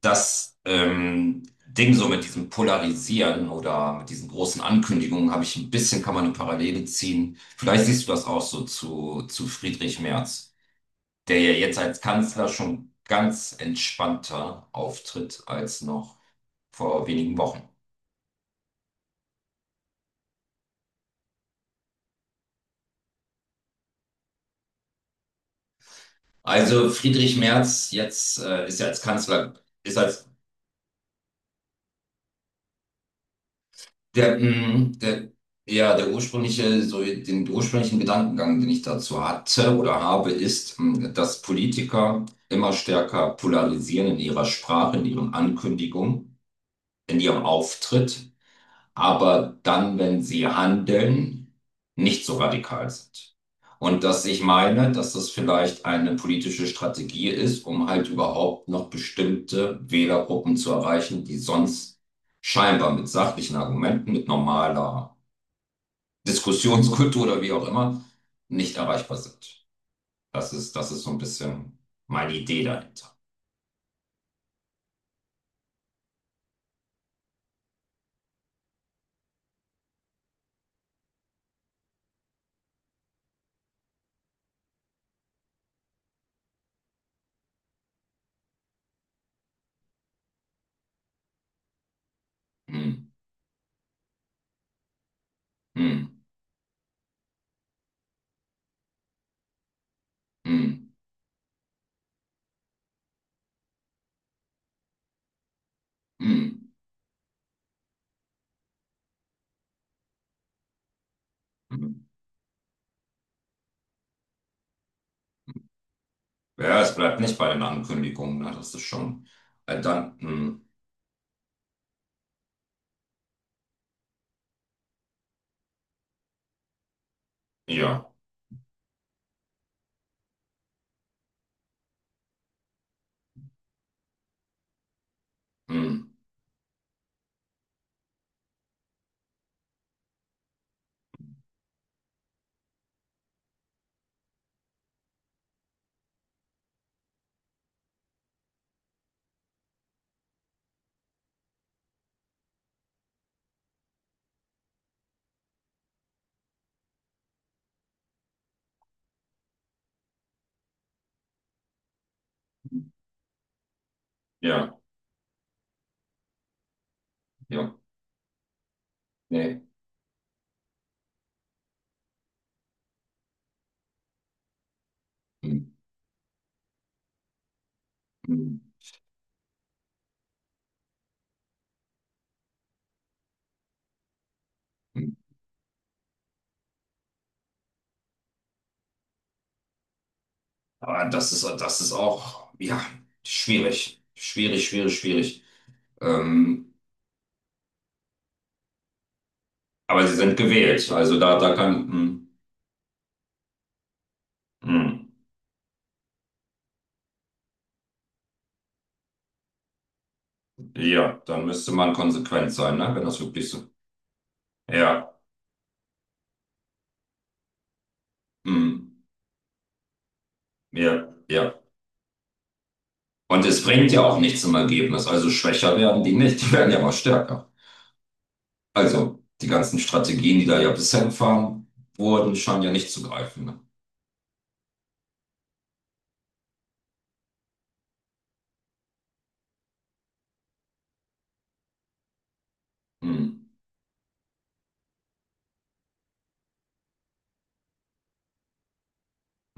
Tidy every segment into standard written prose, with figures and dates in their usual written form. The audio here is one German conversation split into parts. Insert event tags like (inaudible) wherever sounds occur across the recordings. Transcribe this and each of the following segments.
Das Ding so mit diesem Polarisieren oder mit diesen großen Ankündigungen habe ich ein bisschen, kann man eine Parallele ziehen. Vielleicht siehst du das auch so zu Friedrich Merz, der ja jetzt als Kanzler schon ganz entspannter auftritt als noch vor wenigen Wochen. Also Friedrich Merz jetzt ist ja als Kanzler, ist als Der, mm, der, ja, der ursprüngliche, so den ursprünglichen Gedankengang, den ich dazu hatte oder habe, ist, dass Politiker immer stärker polarisieren in ihrer Sprache, in ihren Ankündigungen, in ihrem Auftritt, aber dann, wenn sie handeln, nicht so radikal sind. Und dass ich meine, dass das vielleicht eine politische Strategie ist, um halt überhaupt noch bestimmte Wählergruppen zu erreichen, die sonst scheinbar mit sachlichen Argumenten, mit normaler Diskussionskultur oder wie auch immer, nicht erreichbar sind. Das ist so ein bisschen meine Idee dahinter. Hm, hm, hm, hm, hm. Ja, es bleibt nicht bei den Ankündigungen, ne? Das ist schon. Äh, dann, mh, ja, mh, ja, ja, nee. Mh, mh, mh. Das ist auch, ja, schwierig. Schwierig, schwierig, schwierig. Ähm, aber sie sind gewählt. Also da kann, mh, mh, ja, dann müsste man konsequent sein, ne? Wenn das wirklich so. Ja, mh, ja, ja. Und es bringt ja auch nichts im Ergebnis. Also schwächer werden die nicht, die werden ja mal stärker. Also, die ganzen Strategien, die da ja bisher gefahren wurden, scheinen ja nicht zu greifen. Ne? Hm,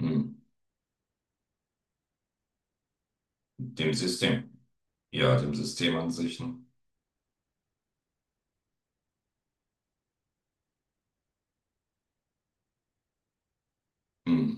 hm. Dem System. Ja, dem System an sich. Ne? Hm.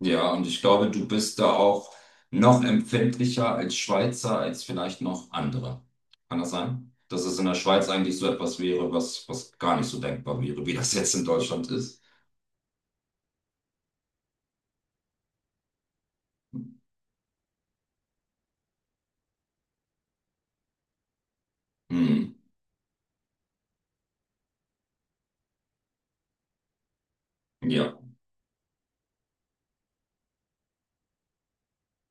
Ja, und ich glaube, du bist da auch noch empfindlicher als Schweizer, als vielleicht noch andere. Kann das sein? Dass es in der Schweiz eigentlich so etwas wäre, was gar nicht so denkbar wäre, wie das jetzt in Deutschland ist. Hm. Ja,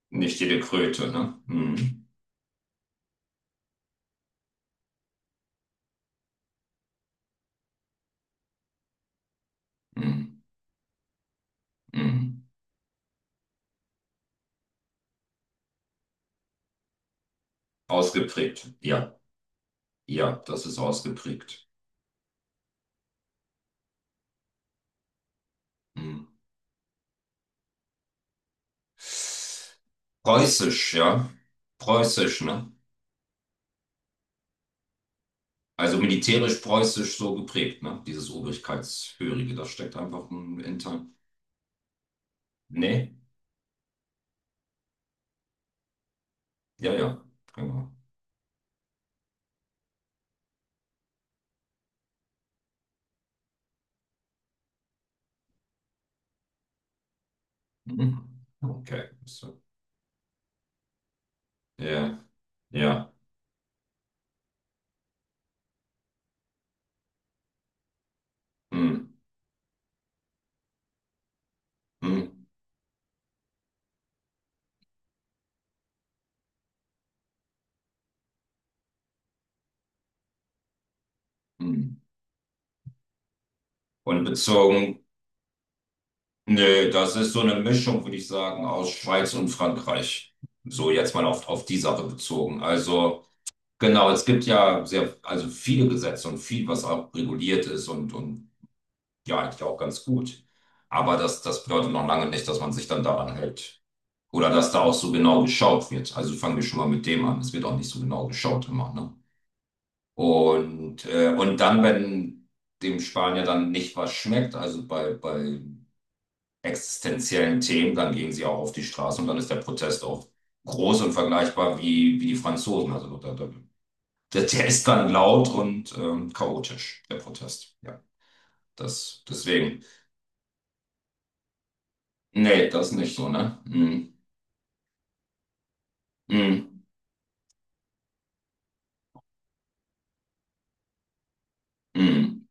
nicht jede Kröte, ne? Hm. Hm. Hm. Ausgeprägt. Ja, ja, das ist ausgeprägt. Hm. Preußisch, ja. Preußisch, ne? Also militärisch preußisch so geprägt, ne? Dieses Obrigkeitshörige, das steckt einfach ein Inter. Nee? Ja, ja. Genau. Mhm. Okay. So. Ja, ja. Mhm. Mhm. Mhm. Und bezogen, nee, das ist so eine Mischung, würde ich sagen, aus Schweiz und Frankreich. So jetzt mal auf die Sache bezogen. Also, genau, es gibt ja sehr, also viele Gesetze und viel, was auch reguliert ist und ja, eigentlich auch ganz gut. Aber das bedeutet noch lange nicht, dass man sich dann daran hält. Oder dass da auch so genau geschaut wird. Also fangen wir schon mal mit dem an. Es wird auch nicht so genau geschaut immer, ne? Und dann, wenn dem Spanier dann nicht was schmeckt, also bei existenziellen Themen, dann gehen sie auch auf die Straße und dann ist der Protest auch groß und vergleichbar wie, wie die Franzosen. Also der ist dann laut und chaotisch, der Protest. Ja, das, deswegen. Nee, das nicht so, ne? Hm, hm, hm.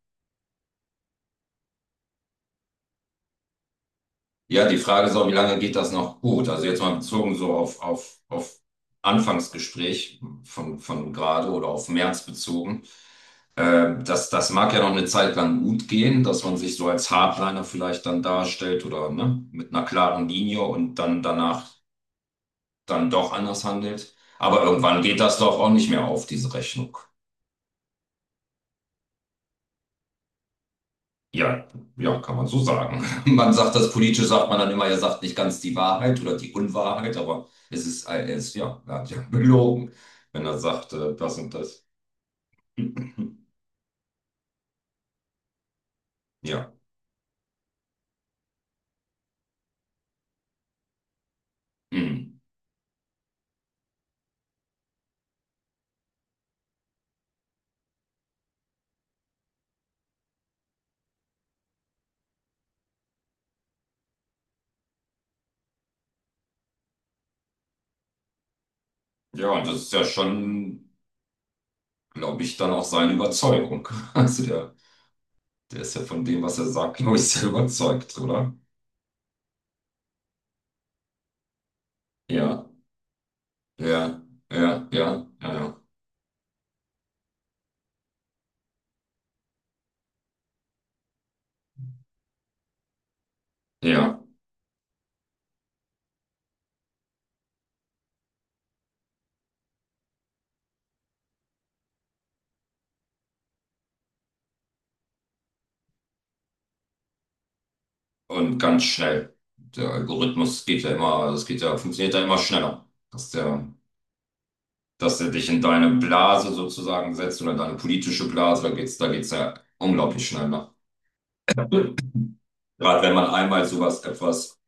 Ja, die Frage ist auch, wie lange geht das noch gut? Also jetzt mal bezogen so auf Anfangsgespräch von gerade oder auf März bezogen. Das mag ja noch eine Zeit lang gut gehen, dass man sich so als Hardliner vielleicht dann darstellt oder ne, mit einer klaren Linie und dann danach dann doch anders handelt. Aber irgendwann geht das doch auch nicht mehr auf, diese Rechnung. Ja, ja, kann man so sagen. (laughs) Man sagt das politisch, sagt man dann immer, er sagt nicht ganz die Wahrheit oder die Unwahrheit, aber er ist, ja, er hat ja (laughs) belogen, wenn er sagt, das und das. (laughs) Ja. Hm. Ja, und das ist ja schon, glaube ich, dann auch seine Überzeugung. (laughs) Also der, der ist ja von dem, was er sagt, glaube ich, sehr überzeugt, oder? Ja, ja, ja, ja, ja, ja. Ja. Und ganz schnell. Der Algorithmus geht ja immer, das geht ja, funktioniert ja immer schneller. Dass der dass er dich in deine Blase sozusagen setzt oder deine politische Blase, da geht's ja unglaublich schnell nach. Gerade wenn man einmal sowas etwas,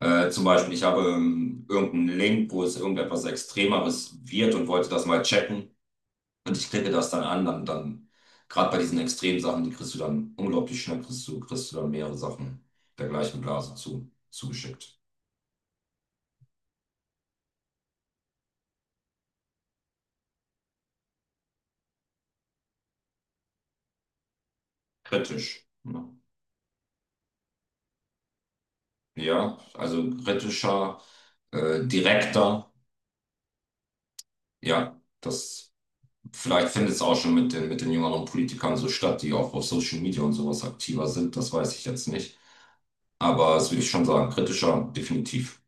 zum Beispiel, ich habe irgendeinen Link, wo es irgendetwas Extremeres wird und wollte das mal checken und ich klicke das dann an, dann gerade bei diesen extremen Sachen, die kriegst du dann unglaublich schnell, kriegst du dann mehrere Sachen der gleichen Blase zugeschickt. Kritisch. Ne? Ja, also kritischer, direkter, ja, das. Vielleicht findet es auch schon mit den jüngeren Politikern so statt, die auch auf Social Media und sowas aktiver sind. Das weiß ich jetzt nicht. Aber das würde ich schon sagen, kritischer, definitiv.